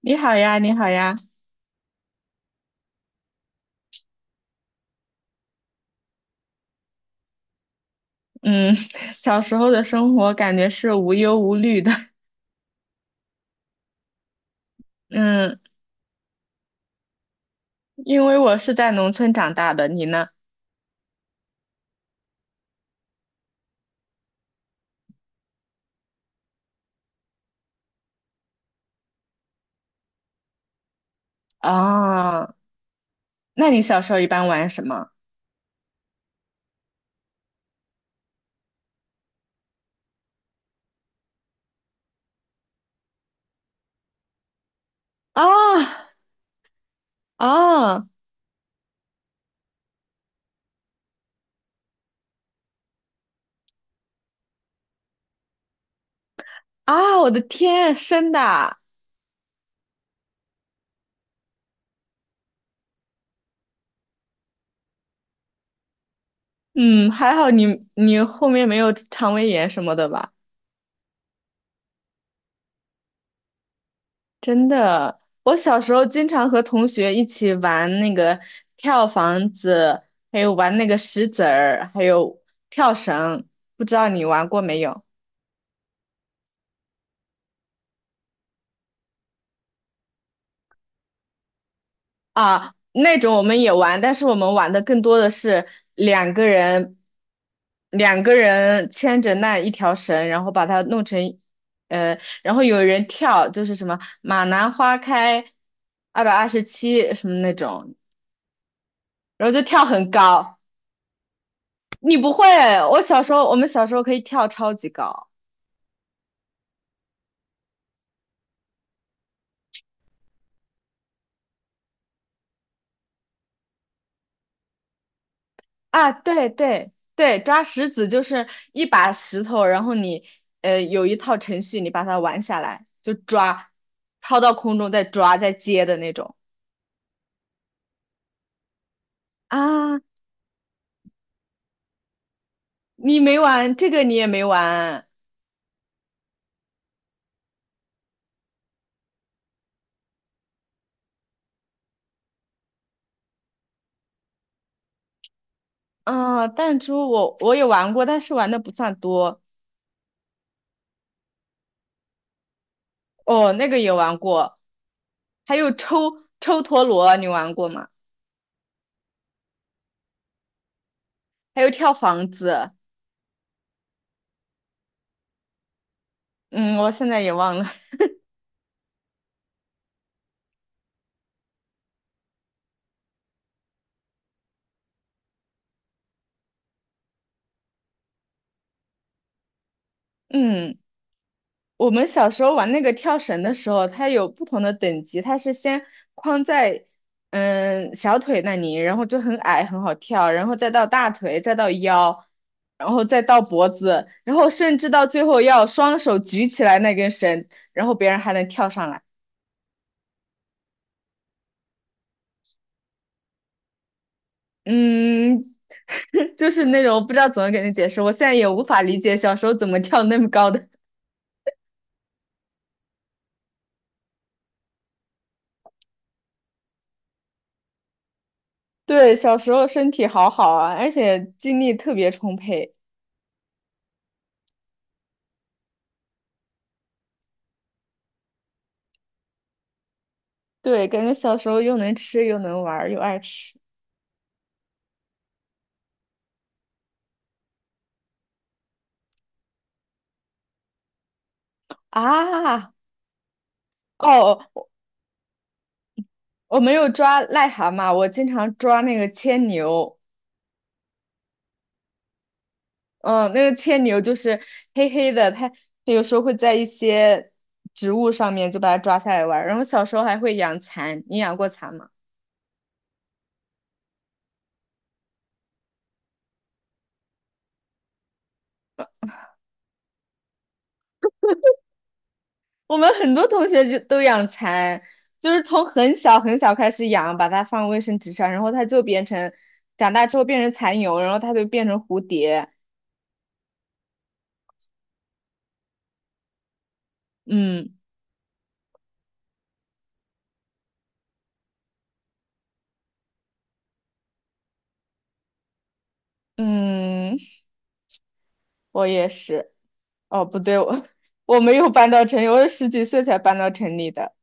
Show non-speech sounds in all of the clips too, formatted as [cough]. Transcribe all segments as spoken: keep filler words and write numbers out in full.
你好呀，你好呀，嗯，[laughs] 小时候的生活感觉是无忧无虑的。[laughs] 嗯，因为我是在农村长大的，你呢？啊，那你小时候一般玩什么？啊啊啊！我的天，真的啊。嗯，还好你你后面没有肠胃炎什么的吧？真的，我小时候经常和同学一起玩那个跳房子，还有玩那个石子儿，还有跳绳，不知道你玩过没有？啊，那种我们也玩，但是我们玩的更多的是两个人，两个人牵着那一条绳，然后把它弄成，呃，然后有人跳，就是什么马兰花开二百二十七什么那种。然后就跳很高。你不会？我小时候，我们小时候可以跳超级高。啊，对对对，抓石子就是一把石头，然后你呃有一套程序，你把它玩下来，就抓，抛到空中再抓再接的那种。啊。你没玩这个，你也没玩？啊？弹珠我我也玩过，但是玩的不算多。哦，那个也玩过，还有抽抽陀螺，你玩过吗？还有跳房子。嗯，我现在也忘了。[laughs] 嗯。我们小时候玩那个跳绳的时候，它有不同的等级，它是先框在嗯小腿那里，然后就很矮，很好跳，然后再到大腿，再到腰，然后再到脖子，然后甚至到最后要双手举起来那根绳，然后别人还能跳上来。嗯，[laughs] 就是那种我不知道怎么给你解释，我现在也无法理解小时候怎么跳那么高的。[laughs] 对，小时候身体好好啊，而且精力特别充沛。对，感觉小时候又能吃又能玩儿又爱吃。啊！哦，我没有抓癞蛤蟆，我经常抓那个牵牛。嗯，那个牵牛就是黑黑的，它它有时候会在一些植物上面就把它抓下来玩儿。然后小时候还会养蚕，你养过蚕吗？我们很多同学就都养蚕，就是从很小很小开始养，把它放卫生纸上，然后它就变成长大之后变成蚕蛹，然后它就变成蝴蝶。嗯。嗯。我也是。哦，不对，我 [laughs] 我没有搬到城里，我是十几岁才搬到城里的。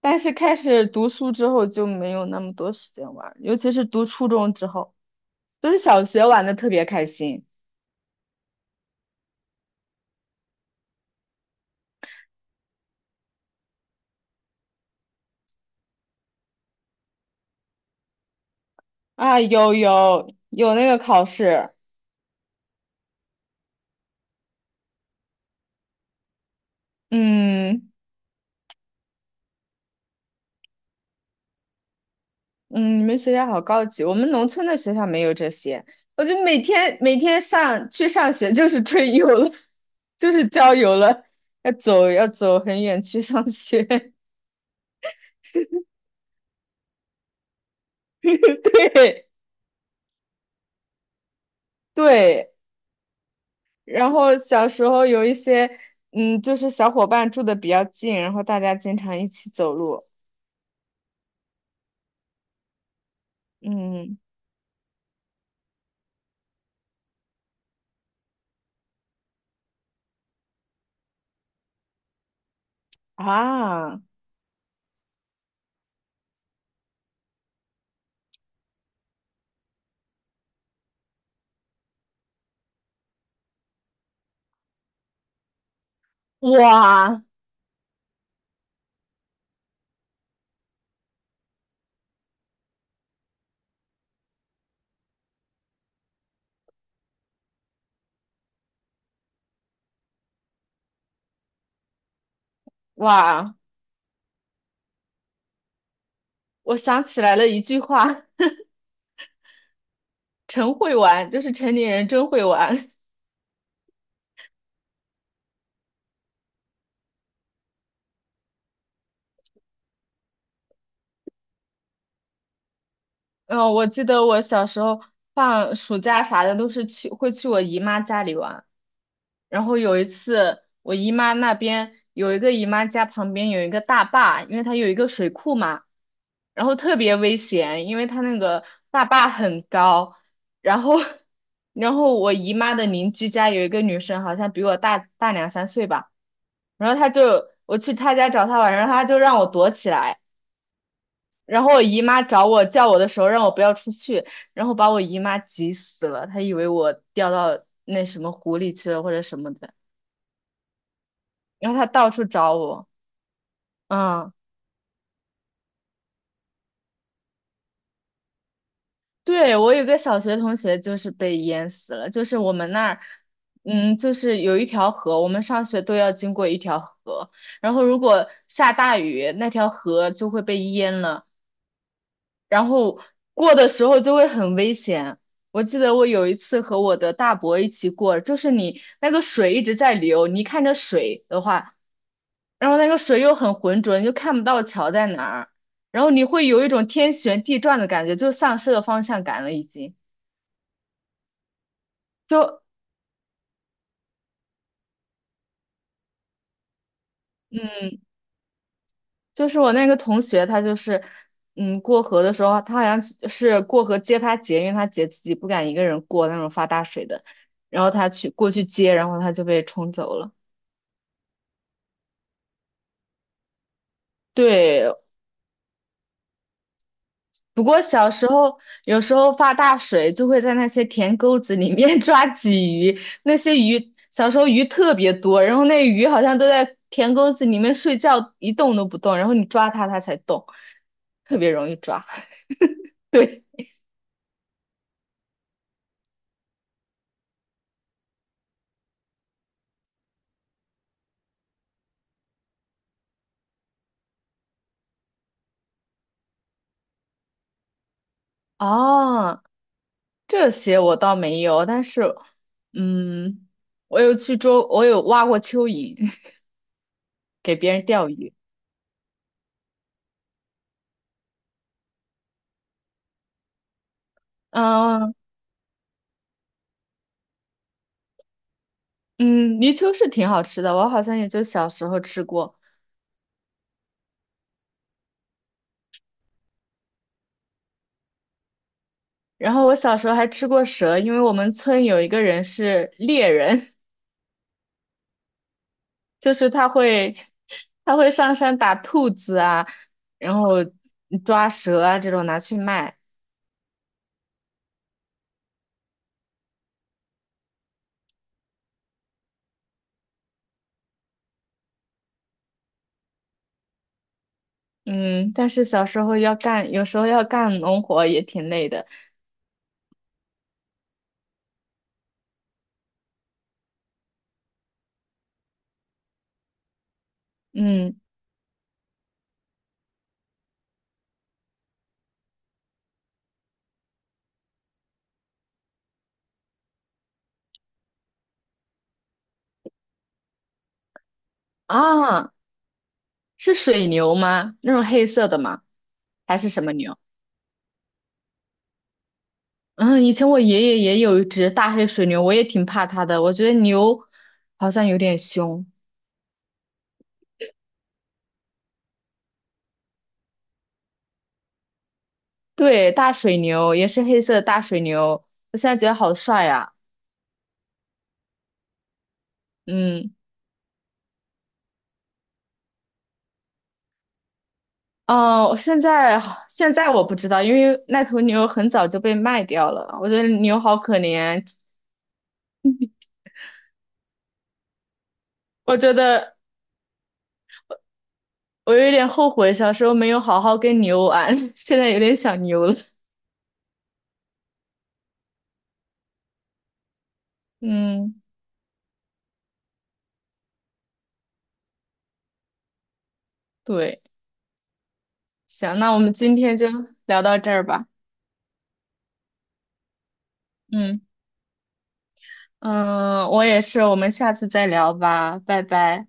但是开始读书之后就没有那么多时间玩儿，尤其是读初中之后，就是小学玩的特别开心。啊，有有有那个考试。嗯。嗯，你们学校好高级，我们农村的学校没有这些，我就每天每天上去上学就是春游了，就是郊游了，要走要走很远去上学。[laughs] 对。对。然后小时候有一些，嗯，就是小伙伴住的比较近，然后大家经常一起走路。嗯。啊。哇。哇，我想起来了一句话。[laughs] 真会玩，就是城里人真会玩。嗯，我记得我小时候放暑假啥的都是去会去我姨妈家里玩。然后有一次，我姨妈那边有一个姨妈家旁边有一个大坝，因为它有一个水库嘛，然后特别危险，因为它那个大坝很高。然后，[laughs] 然后我姨妈的邻居家有一个女生，好像比我大大两三岁吧，然后她就我去她家找她玩，然后她就让我躲起来。然后我姨妈找我叫我的时候，让我不要出去，然后把我姨妈急死了，她以为我掉到那什么湖里去了或者什么的。然后他到处找我。嗯，对，我有个小学同学就是被淹死了，就是我们那儿。嗯，就是有一条河，我们上学都要经过一条河，然后如果下大雨，那条河就会被淹了，然后过的时候就会很危险。我记得我有一次和我的大伯一起过，就是你那个水一直在流，你一看着水的话，然后那个水又很浑浊，你就看不到桥在哪儿，然后你会有一种天旋地转的感觉，就丧失了方向感了，已经。就就是我那个同学，他就是，嗯，过河的时候，他好像是是过河接他姐，因为他姐自己不敢一个人过那种发大水的，然后他去过去接，然后他就被冲走了。对，不过小时候有时候发大水，就会在那些田沟子里面 [laughs] 抓鲫鱼，那些鱼小时候鱼特别多，然后那鱼好像都在田沟子里面睡觉，一动都不动，然后你抓它它才动，特别容易抓。[laughs] 对。哦，这些我倒没有，但是嗯，我有去捉，我有挖过蚯蚓。[laughs] 给别人钓鱼。嗯。嗯，泥鳅是挺好吃的，我好像也就小时候吃过。然后我小时候还吃过蛇，因为我们村有一个人是猎人。[laughs] 就是他会他会上山打兔子啊，然后抓蛇啊这种拿去卖。嗯，但是小时候要干，有时候要干农活也挺累的。嗯。啊，是水牛吗？那种黑色的吗？还是什么牛？嗯，以前我爷爷也有一只大黑水牛，我也挺怕它的。我觉得牛好像有点凶。对，大水牛也是黑色的大水牛，我现在觉得好帅呀、嗯。哦，现在现在我不知道，因为那头牛很早就被卖掉了。我觉得牛好可怜。我觉得我有点后悔小时候没有好好跟牛玩。[laughs] 现在有点想牛了。嗯，对，行，那我们今天就聊到这儿吧。嗯。嗯，我也是，我们下次再聊吧，拜拜。